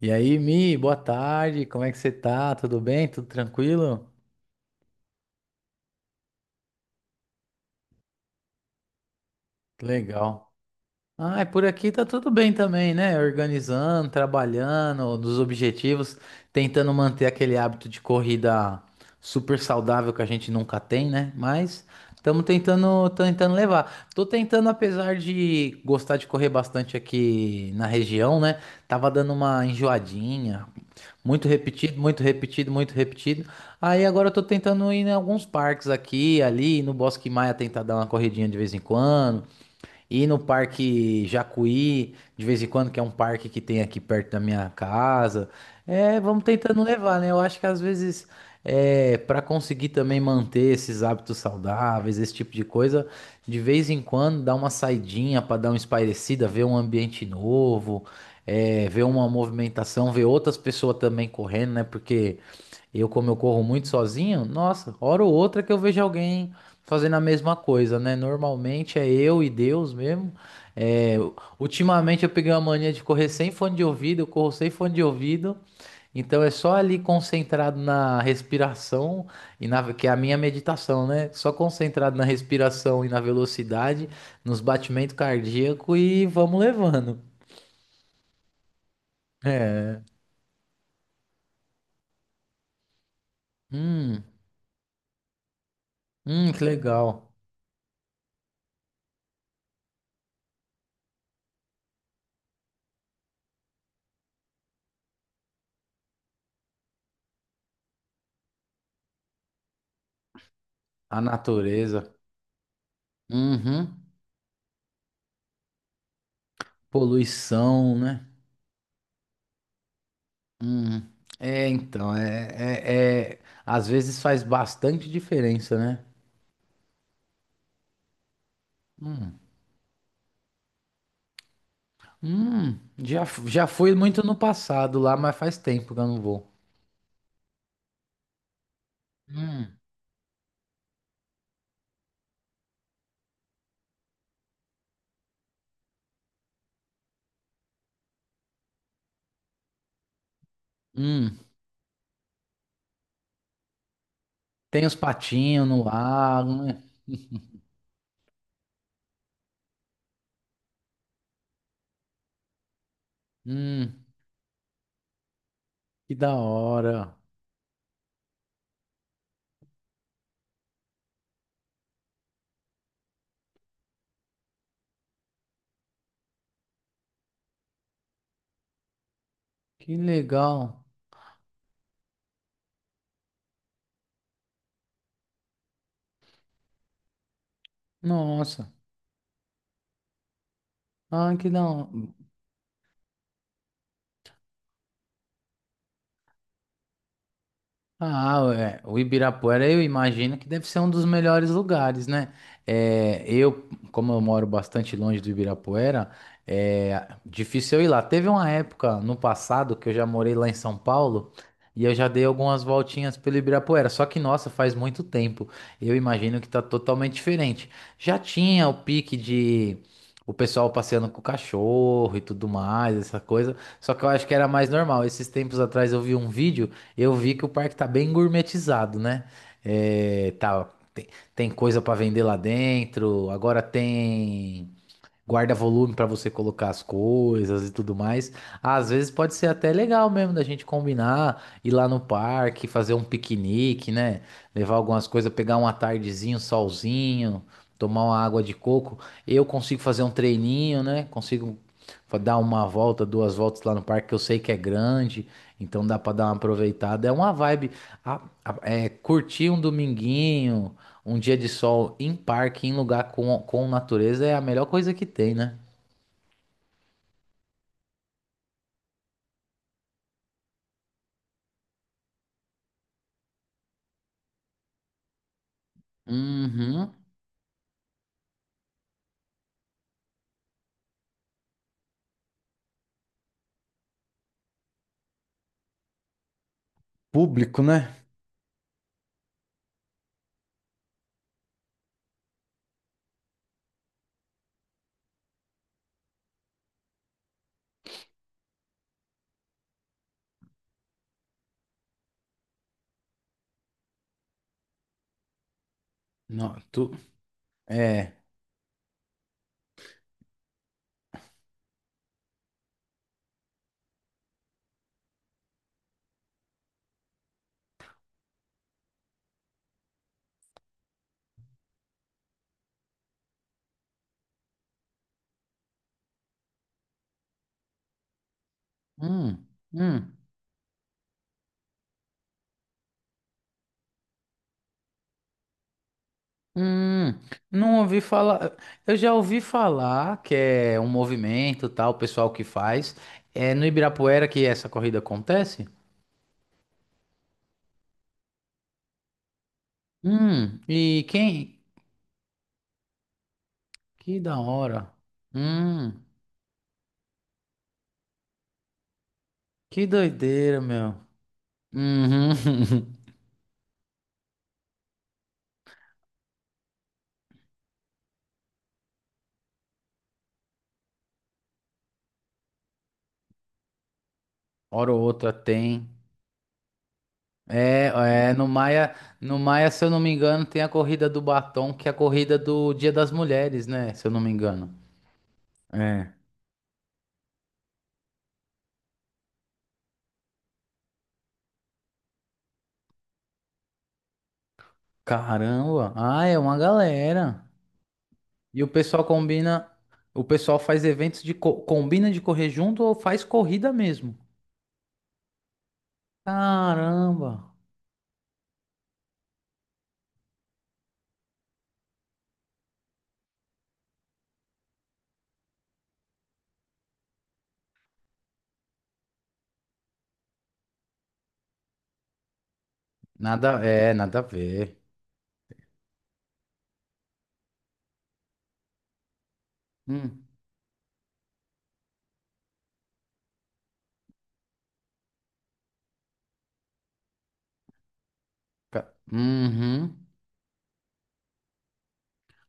E aí, Mi, boa tarde, como é que você tá? Tudo bem? Tudo tranquilo? Que legal. Por aqui tá tudo bem também, né? Organizando, trabalhando, dos objetivos, tentando manter aquele hábito de corrida super saudável que a gente nunca tem, né? Mas estamos tentando, levar. Tô tentando, apesar de gostar de correr bastante aqui na região, né? Tava dando uma enjoadinha, muito repetido, muito repetido, muito repetido. Aí agora eu tô tentando ir em alguns parques aqui, ali, no Bosque Maia, tentar dar uma corridinha de vez em quando, ir no Parque Jacuí, de vez em quando, que é um parque que tem aqui perto da minha casa. É, vamos tentando levar, né? Eu acho que às vezes, para conseguir também manter esses hábitos saudáveis, esse tipo de coisa, de vez em quando dá uma saidinha para dar uma espairecida, ver um ambiente novo, ver uma movimentação, ver outras pessoas também correndo, né? Porque como eu corro muito sozinho, nossa, hora ou outra que eu vejo alguém fazendo a mesma coisa, né? Normalmente é eu e Deus mesmo. É, ultimamente eu peguei uma mania de correr sem fone de ouvido, eu corro sem fone de ouvido. Então é só ali concentrado na respiração e na que é a minha meditação, né? Só concentrado na respiração e na velocidade, nos batimentos cardíacos, e vamos levando. Hum, que legal. A natureza. Uhum. Poluição, né? Hum, é, então, é, é, é- às vezes faz bastante diferença, né? Hum, já, já fui muito no passado lá, mas faz tempo que eu não vou. Hum, hum, tem os patinhos no lago, né? Hum, que da hora, que legal. Nossa, ah, que da hora. O Ibirapuera eu imagino que deve ser um dos melhores lugares, né? Como eu moro bastante longe do Ibirapuera, é difícil eu ir lá. Teve uma época no passado que eu já morei lá em São Paulo e eu já dei algumas voltinhas pelo Ibirapuera. Só que, nossa, faz muito tempo. Eu imagino que tá totalmente diferente. Já tinha o pique de o pessoal passeando com o cachorro e tudo mais, essa coisa. Só que eu acho que era mais normal. Esses tempos atrás eu vi um vídeo, eu vi que o parque tá bem gourmetizado, né? É, tá, tem, Tem coisa para vender lá dentro, agora tem guarda volume para você colocar as coisas e tudo mais. Às vezes pode ser até legal mesmo da gente combinar, ir lá no parque, fazer um piquenique, né? Levar algumas coisas, pegar uma tardezinho, solzinho, tomar uma água de coco. Eu consigo fazer um treininho, né? Consigo dar uma volta, duas voltas lá no parque, que eu sei que é grande, então dá para dar uma aproveitada. É uma vibe, a- é curtir um dominguinho. Um dia de sol em parque, em lugar com natureza, é a melhor coisa que tem, né? Uhum. Público, né? Não, tu... É. Hum, hum, hum. Não ouvi falar. Eu já ouvi falar que é um movimento, tal, o pessoal que faz. É no Ibirapuera que essa corrida acontece? E quem? Que da hora. Hum, que doideira, meu. Uhum. Hora ou outra tem. É, no Maia, no Maia, se eu não me engano, tem a corrida do batom, que é a corrida do Dia das Mulheres, né? Se eu não me engano. É. Caramba! Ah, é uma galera. E o pessoal combina, o pessoal faz eventos de combina de correr junto ou faz corrida mesmo? Caramba! Nada a ver. Hum, Uhum.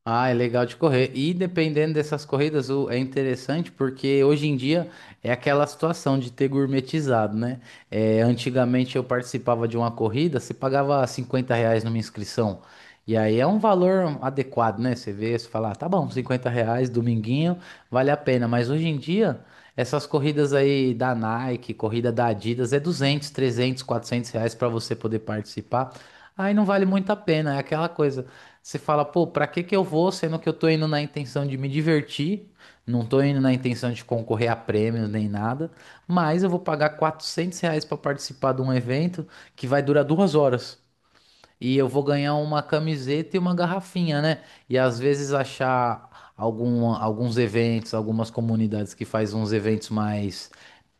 Ah, é legal de correr. E dependendo dessas corridas, é interessante porque hoje em dia é aquela situação de ter gourmetizado, né? É, antigamente eu participava de uma corrida, você pagava R$ 50 numa inscrição. E aí é um valor adequado, né? Você vê, você fala, "Ah, tá bom, R$ 50, dominguinho, vale a pena." Mas hoje em dia, essas corridas aí da Nike, corrida da Adidas, é R$ 200, R$ 300, R$ 400 para você poder participar. Aí não vale muito a pena, é aquela coisa. Você fala, pô, pra que que eu vou, sendo que eu tô indo na intenção de me divertir, não tô indo na intenção de concorrer a prêmios nem nada, mas eu vou pagar R$ 400 pra participar de um evento que vai durar 2 horas. E eu vou ganhar uma camiseta e uma garrafinha, né? E às vezes achar algum, alguns eventos, algumas comunidades que faz uns eventos mais,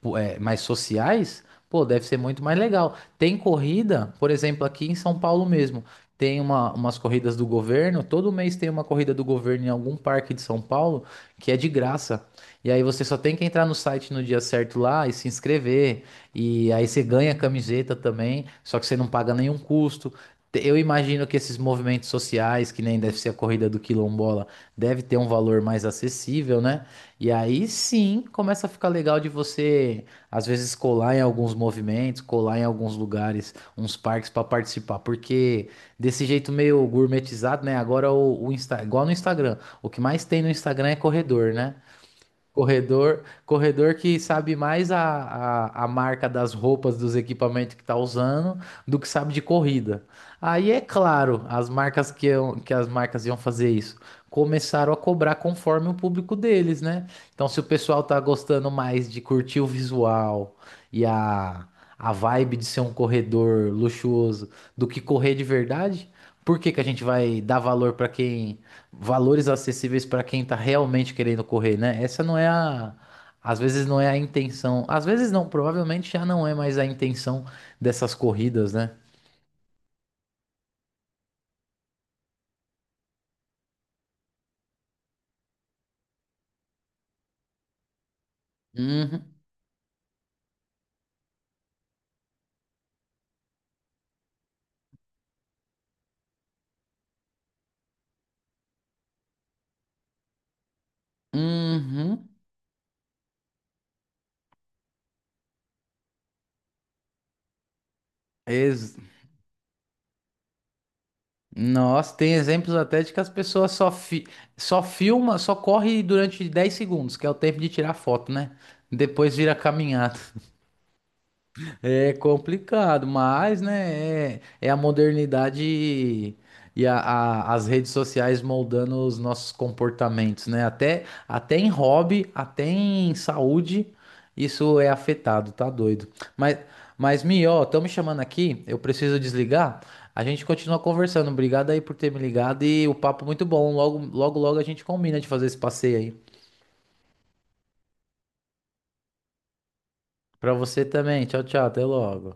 pô, mais sociais, pô, deve ser muito mais legal. Tem corrida, por exemplo, aqui em São Paulo mesmo, tem uma, umas corridas do governo, todo mês tem uma corrida do governo em algum parque de São Paulo que é de graça. E aí você só tem que entrar no site no dia certo lá e se inscrever. E aí você ganha a camiseta também, só que você não paga nenhum custo. Eu imagino que esses movimentos sociais, que nem deve ser a corrida do quilombola, deve ter um valor mais acessível, né? E aí sim começa a ficar legal de você, às vezes, colar em alguns movimentos, colar em alguns lugares, uns parques para participar, porque desse jeito meio gourmetizado, né? Agora o Insta, igual no Instagram, o que mais tem no Instagram é corredor, né? Corredor, corredor que sabe mais a marca das roupas, dos equipamentos que tá usando, do que sabe de corrida. Aí é claro, as marcas que as marcas iam fazer isso, começaram a cobrar conforme o público deles, né? Então, se o pessoal tá gostando mais de curtir o visual e a, a vibe de ser um corredor luxuoso do que correr de verdade, por que que a gente vai dar valor para quem, valores acessíveis para quem está realmente querendo correr, né? Essa não é a. Às vezes não é a intenção. Às vezes não, provavelmente já não é mais a intenção dessas corridas, né? Uhum. Uhum. Ex- Nossa, tem exemplos até de que as pessoas só, só filma, só corre durante 10 segundos, que é o tempo de tirar foto, né? Depois vira caminhada. É complicado, mas, né, é a modernidade e as redes sociais moldando os nossos comportamentos, né? Até, até em hobby, até em saúde, isso é afetado, tá doido. Mas, mas Mi, ó, estão me chamando aqui, eu preciso desligar. A gente continua conversando. Obrigado aí por ter me ligado, e o papo muito bom. Logo, logo, logo a gente combina de fazer esse passeio aí. Pra você também. Tchau, tchau. Até logo.